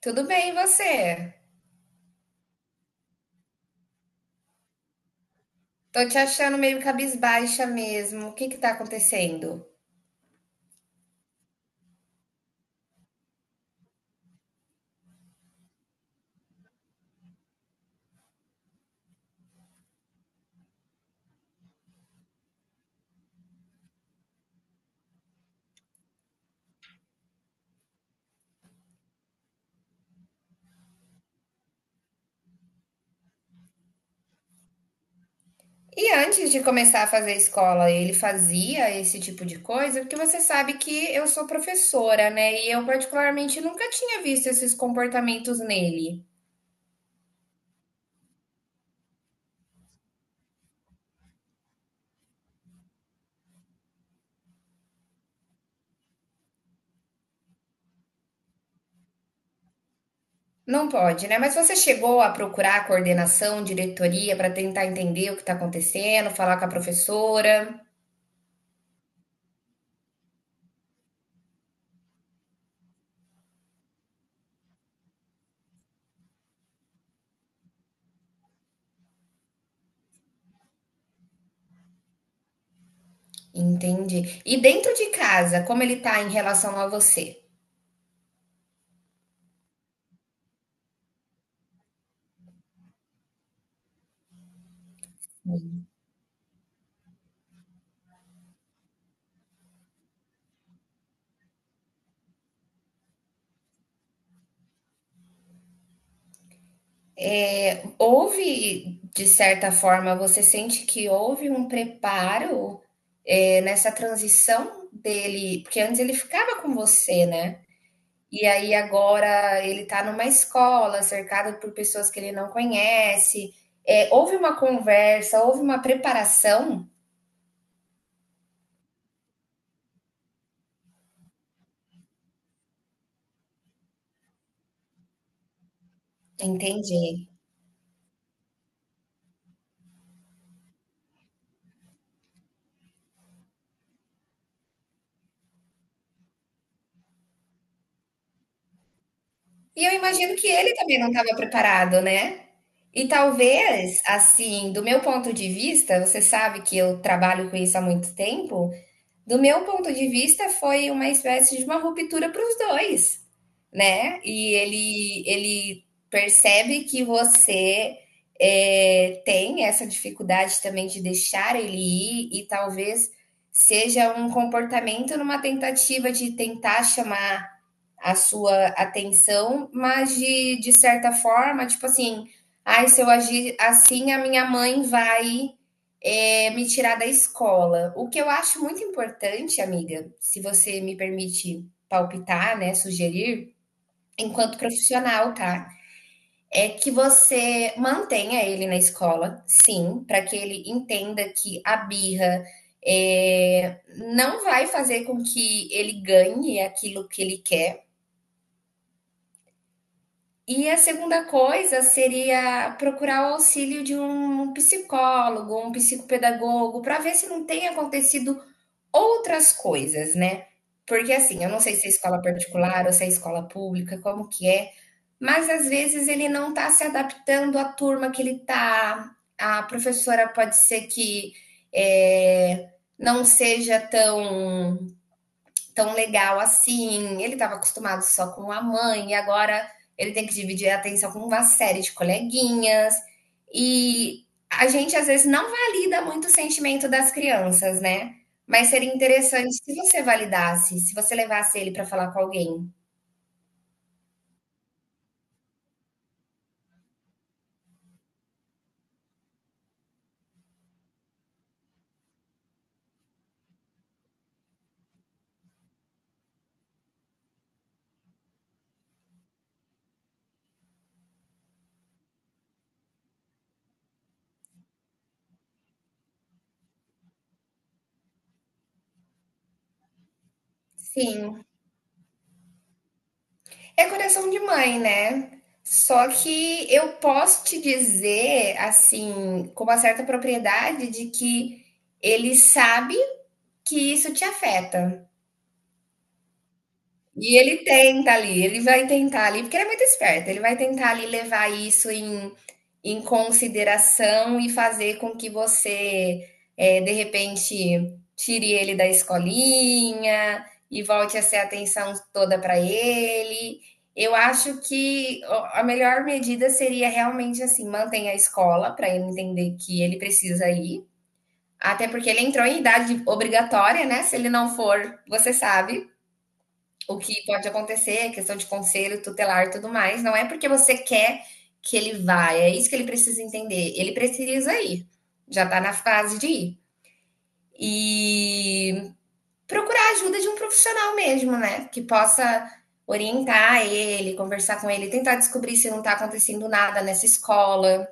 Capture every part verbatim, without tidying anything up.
Tudo bem, e você? Tô te achando meio cabisbaixa mesmo. O que que tá acontecendo? E antes de começar a fazer escola, ele fazia esse tipo de coisa? Porque você sabe que eu sou professora, né? E eu particularmente nunca tinha visto esses comportamentos nele. Não pode, né? Mas você chegou a procurar a coordenação, diretoria, para tentar entender o que está acontecendo, falar com a professora? Entendi. E dentro de casa, como ele tá em relação a você? Houve, de certa forma, você sente que houve um preparo, eh, nessa transição dele porque antes ele ficava com você, né, e aí agora ele tá numa escola, cercado por pessoas que ele não conhece. Eh, houve uma conversa, houve uma preparação? Entendi. E eu imagino que ele também não estava preparado, né. E talvez, assim, do meu ponto de vista, você sabe que eu trabalho com isso há muito tempo, do meu ponto de vista, foi uma espécie de uma ruptura para os dois, né? E ele, ele percebe que você é, tem essa dificuldade também de deixar ele ir, e talvez seja um comportamento numa tentativa de tentar chamar a sua atenção, mas de, de certa forma, tipo assim, ai, se eu agir assim, a minha mãe vai é, me tirar da escola. O que eu acho muito importante, amiga, se você me permite palpitar, né, sugerir, enquanto profissional, tá? É que você mantenha ele na escola, sim, para que ele entenda que a birra é, não vai fazer com que ele ganhe aquilo que ele quer. E a segunda coisa seria procurar o auxílio de um um psicólogo, um psicopedagogo, para ver se não tem acontecido outras coisas, né? Porque assim, eu não sei se é escola particular ou se é escola pública, como que é, mas às vezes ele não está se adaptando à turma que ele está. A professora pode ser que eh, não seja tão tão legal assim. Ele estava acostumado só com a mãe e agora ele tem que dividir a atenção com uma série de coleguinhas. E a gente às vezes não valida muito o sentimento das crianças, né? Mas seria interessante se você validasse, se você levasse ele para falar com alguém. Sim, é coração de mãe, né? Só que eu posso te dizer, assim, com uma certa propriedade de que ele sabe que isso te afeta. E ele tenta ali, ele vai tentar ali, porque ele é muito esperto, ele vai tentar ali levar isso em, em consideração e fazer com que você, eh, de repente, tire ele da escolinha e volte a ser a atenção toda para ele. Eu acho que o- a melhor medida seria realmente assim, mantenha a escola para ele entender que ele precisa ir, até porque ele entrou em idade obrigatória, né? Se ele não for, você sabe. O que pode acontecer, questão de conselho tutelar e tudo mais, não é porque você quer que ele vá, é isso que ele precisa entender. Ele precisa ir, já tá na fase de ir. E procurar a ajuda de um profissional mesmo, né? Que possa orientar ele, conversar com ele, tentar descobrir se não tá acontecendo nada nessa escola.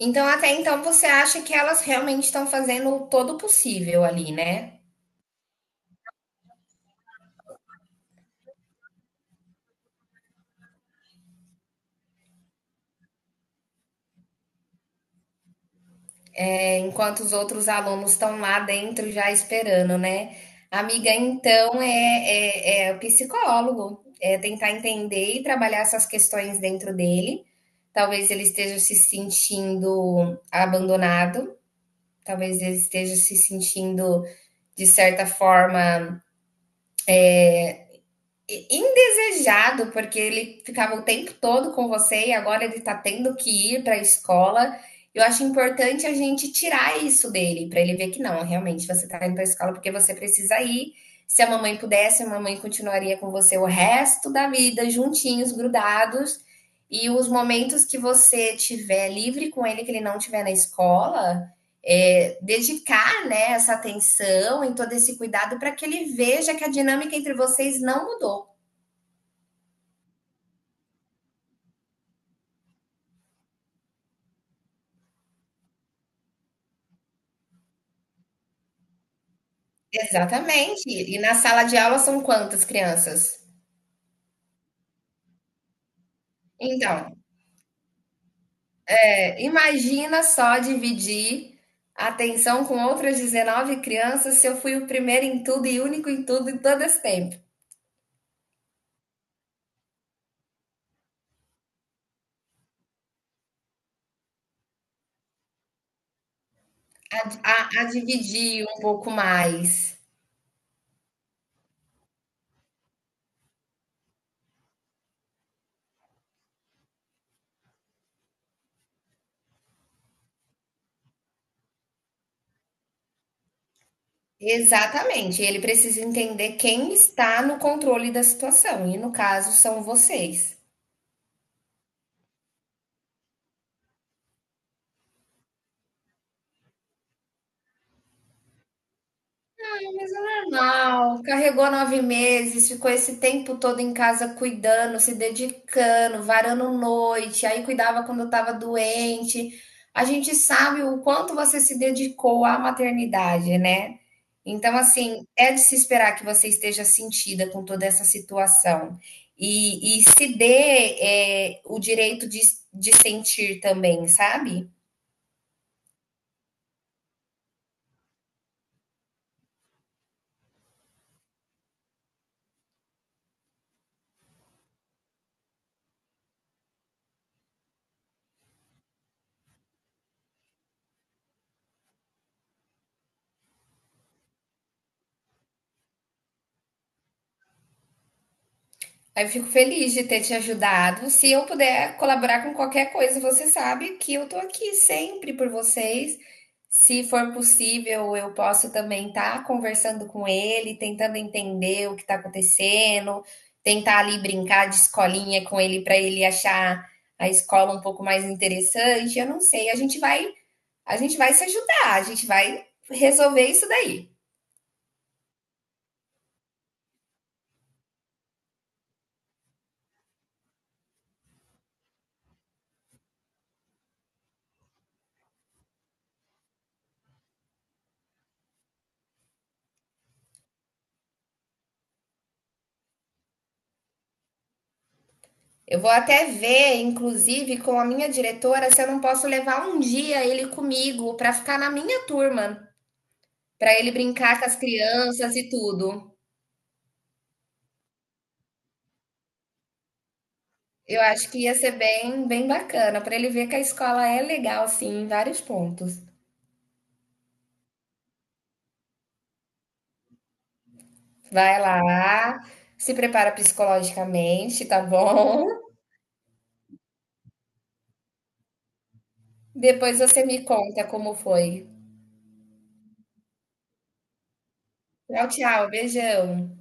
Então, até então, você acha que elas realmente estão fazendo todo o possível ali, né? Enquanto os outros alunos estão lá dentro já esperando, né? Amiga, então é, é, é o psicólogo, é tentar entender e trabalhar essas questões dentro dele. Talvez ele esteja se sentindo abandonado, talvez ele esteja se sentindo, de certa forma, e- indesejado, porque ele ficava o tempo todo com você e agora ele tá tendo que ir para a escola. Eu acho importante a gente tirar isso dele, para ele ver que não, realmente você tá indo para a escola porque você precisa ir. Se a mamãe pudesse, a mamãe continuaria com você o resto da vida, juntinhos, grudados. E os momentos que você tiver livre com ele, que ele não tiver na escola, é, dedicar, né, essa atenção e todo esse cuidado para que ele veja que a dinâmica entre vocês não mudou. Exatamente. E na sala de aula são quantas crianças? Então, é, imagina só dividir a atenção com outras dezenove crianças se eu fui o primeiro em tudo e único em tudo em todo esse tempo. A, a, a dividir um pouco mais. Exatamente. Ele precisa entender quem está no controle da situação. E no caso, são vocês. Mas é normal. Carregou nove meses, ficou esse tempo todo em casa cuidando, se dedicando, varando noite, aí cuidava quando eu tava doente. A gente sabe o quanto você se dedicou à maternidade, né? Então, assim, é de se esperar que você esteja sentida com toda essa situação. E, e se dê, é, o direito de, de, sentir também, sabe? Eu fico feliz de ter te ajudado. Se eu puder colaborar com qualquer coisa, você sabe que eu tô aqui sempre por vocês. Se for possível, eu posso também estar conversando com ele, tentando entender o que está acontecendo, tentar ali brincar de escolinha com ele para ele achar a escola um pouco mais interessante. Eu não sei, a gente vai, a gente vai se ajudar, a gente vai resolver isso daí. Eu vou até ver, inclusive, com a minha diretora, se eu não posso levar um dia ele comigo para ficar na minha turma, para ele brincar com as crianças e tudo. Eu acho que ia ser bem, bem bacana, para ele ver que a escola é legal, sim, em vários pontos. Vai lá, se prepara psicologicamente, tá bom? Depois você me conta como foi. Tchau, tchau, beijão.